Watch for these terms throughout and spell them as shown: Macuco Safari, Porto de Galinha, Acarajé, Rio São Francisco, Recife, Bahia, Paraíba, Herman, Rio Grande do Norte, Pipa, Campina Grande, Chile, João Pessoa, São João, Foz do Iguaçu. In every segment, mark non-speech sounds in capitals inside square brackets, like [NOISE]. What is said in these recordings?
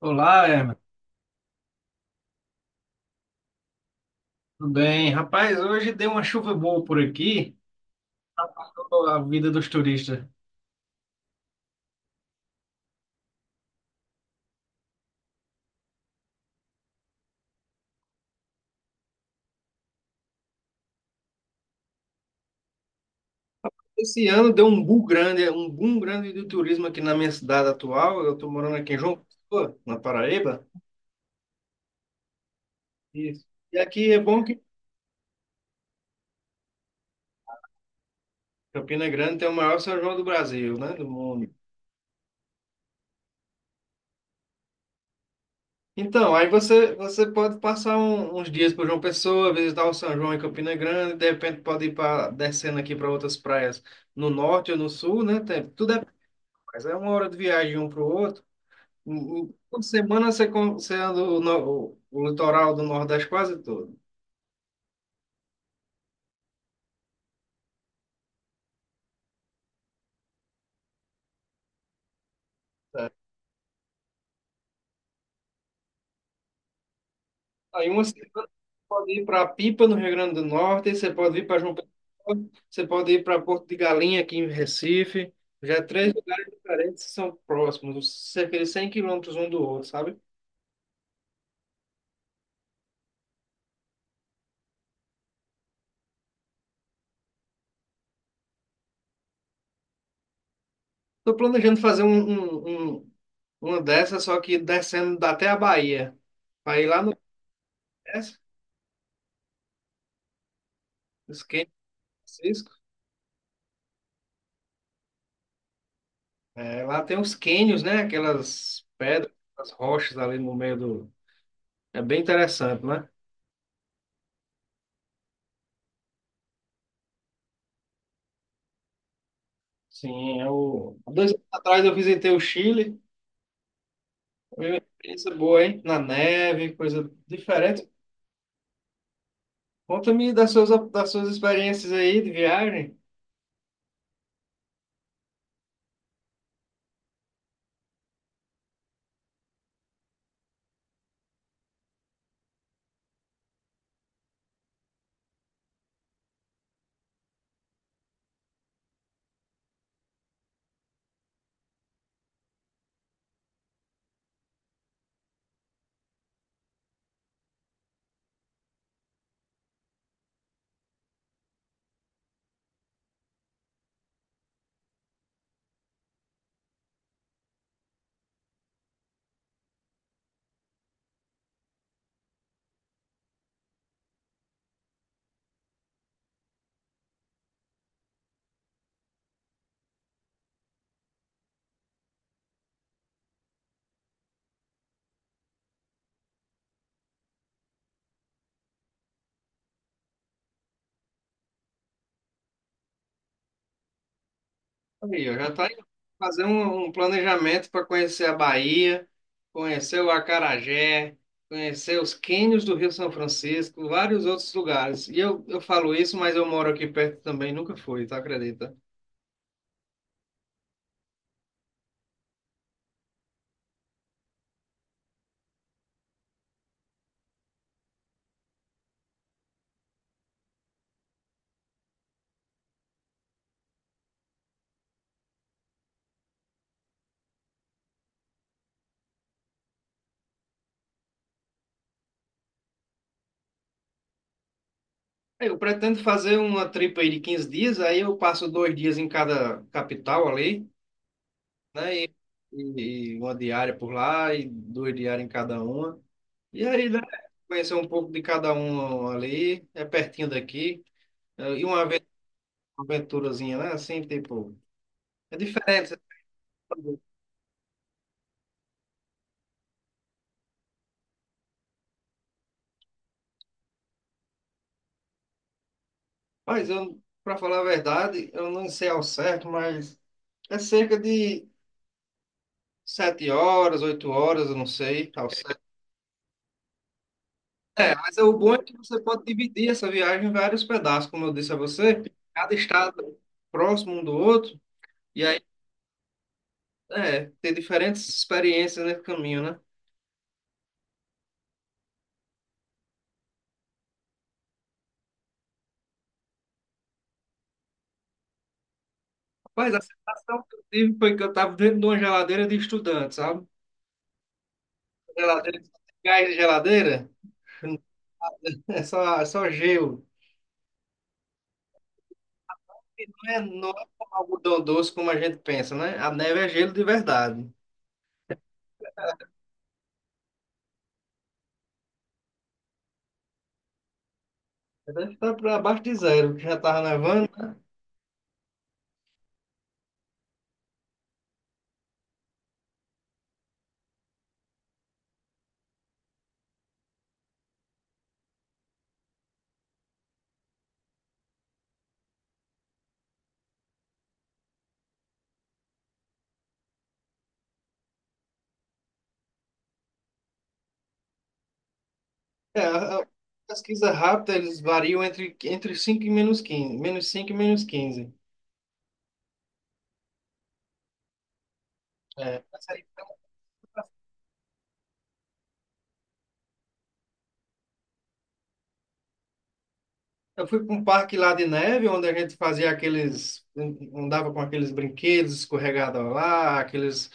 Olá, Herman. Tudo bem? Rapaz, hoje deu uma chuva boa por aqui, a vida dos turistas. Esse ano deu um boom grande do turismo aqui na minha cidade atual. Eu estou morando aqui em João Pessoa, na Paraíba. Isso. E aqui é bom que Campina Grande tem o maior São João do Brasil, né? Do mundo. Então, aí você pode passar uns dias por João Pessoa, visitar o São João em Campina Grande, de repente pode ir descendo aqui para outras praias no norte ou no sul, né? Tudo é, mas é uma hora de viagem um para o outro. Toda semana você anda o, no- o litoral do Nordeste quase todo. É. Aí uma semana você pode ir para Pipa, no Rio Grande do Norte, você pode ir para João Pessoa, você pode ir para Porto de Galinha, aqui em Recife. Já é três lugares diferentes que são próximos, cerca de 100 quilômetros um do outro, sabe? Estou planejando fazer uma dessas, só que descendo até a Bahia. Para ir lá no Nordeste, esquenta. É, lá tem os cânions, né? Aquelas pedras, as rochas ali no meio do. É bem interessante, né? Sim, eu. Há 2 anos atrás eu visitei o Chile. Foi uma experiência boa, hein? Na neve, coisa diferente. Conta-me das suas experiências aí de viagem. Aí, eu já tá indo fazer um planejamento para conhecer a Bahia, conhecer o Acarajé, conhecer os cânions do Rio São Francisco, vários outros lugares. E eu falo isso, mas eu moro aqui perto também, nunca fui, tá? Acredita? Eu pretendo fazer uma tripa aí de 15 dias, aí eu passo 2 dias em cada capital ali, né? E uma diária por lá, e 2 diárias em cada uma. E aí, né? Conhecer um pouco de cada um ali, é pertinho daqui. E uma vez aventurazinha, né? Assim, tipo, é diferente. Você sabe? Mas eu, para falar a verdade, eu não sei ao certo, mas é cerca de 7 horas, 8 horas, eu não sei ao certo. É, mas é o bom é que você pode dividir essa viagem em vários pedaços, como eu disse a você, cada estado próximo um do outro, e aí, é, ter diferentes experiências nesse caminho, né? Mas a sensação que eu tive foi que eu estava dentro de uma geladeira de estudante, sabe? Geladeira, gás de geladeira, [LAUGHS] é só gelo. É, não é um algodão doce como a gente pensa, né? A neve é gelo de verdade. Deve estar para abaixo de zero, que já estava nevando. É, a pesquisa rápida, eles variam entre 5 e -15. -5 e -15. É. Essa aí foi uma- Eu fui para um parque lá de neve, onde a gente fazia aqueles. Andava com aqueles brinquedos escorregados lá, aqueles,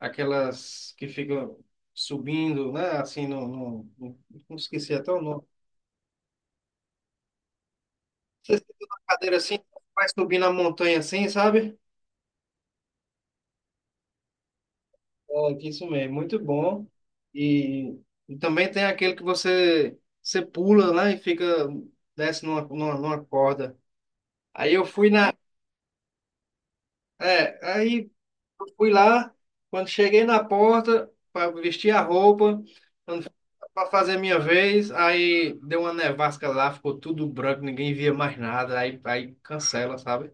aquelas que ficam subindo, né? Assim, não esqueci até o nome. Você senta na cadeira assim, vai subindo a montanha assim, sabe? É, que isso mesmo, muito bom. E, e também tem aquele que você pula, né? E fica, desce numa corda. Aí eu fui na. É, aí eu fui lá, quando cheguei na porta para vestir a roupa, para fazer minha vez, aí deu uma nevasca lá, ficou tudo branco, ninguém via mais nada, aí cancela, sabe?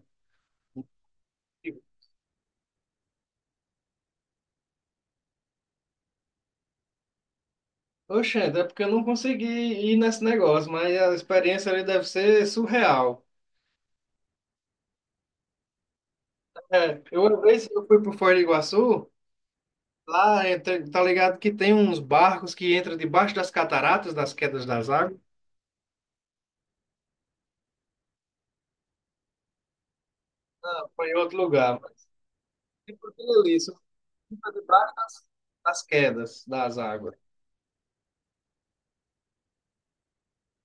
Oxente, é porque eu não consegui ir nesse negócio, mas a experiência ali deve ser surreal. É, eu uma vez eu fui pro Foz do Iguaçu, lá entre- tá ligado que tem uns barcos que entram debaixo das cataratas, das quedas das águas, foi em outro lugar. Mas, tipo, aquilo ali, isso fica debaixo das quedas das águas.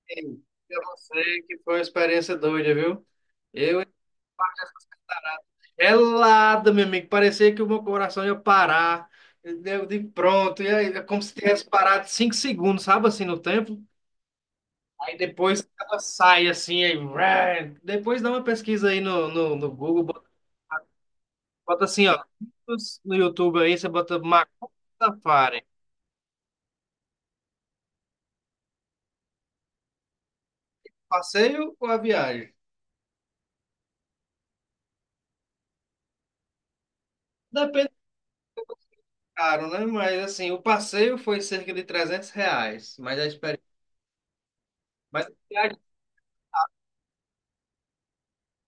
E pra você que foi uma experiência doida, viu? Eu Gelada, meu amigo. Parecia que o meu coração ia parar. Eu digo, pronto. E aí, é como se tivesse parado 5 segundos, sabe, assim, no tempo. Aí depois ela sai, assim, aí, ué. Depois dá uma pesquisa aí no Google. Bota, bota assim, ó. No YouTube aí, você bota Macuco Safari. Passeio ou a viagem? Depende, caro, né? Mas, assim, o passeio foi cerca de R$ 300. Mas a experiência. Mas a viagem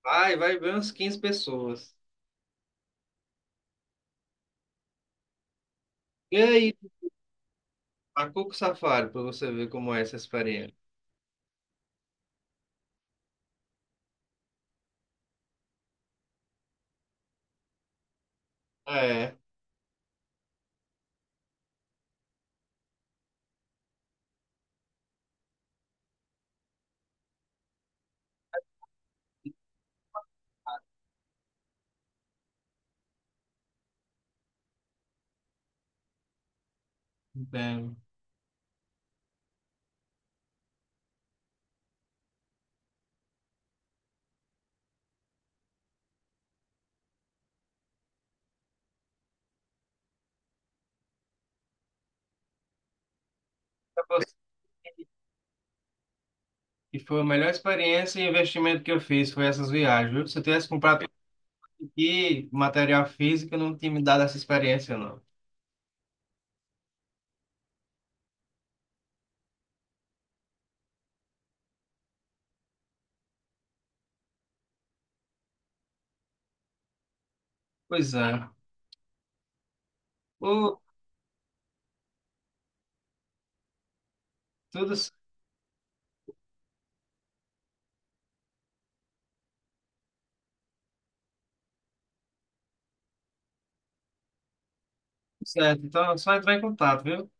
vai ver umas 15 pessoas. E aí, a Macuco Safari, para você ver como é essa experiência. É, entendo. E foi a melhor experiência e investimento que eu fiz, foi essas viagens, viu? Se eu tivesse comprado tudo aqui, material físico, eu não tinha me dado essa experiência, não. Pois é. Ô, tudo certo. Então, é só entrar em contato, viu?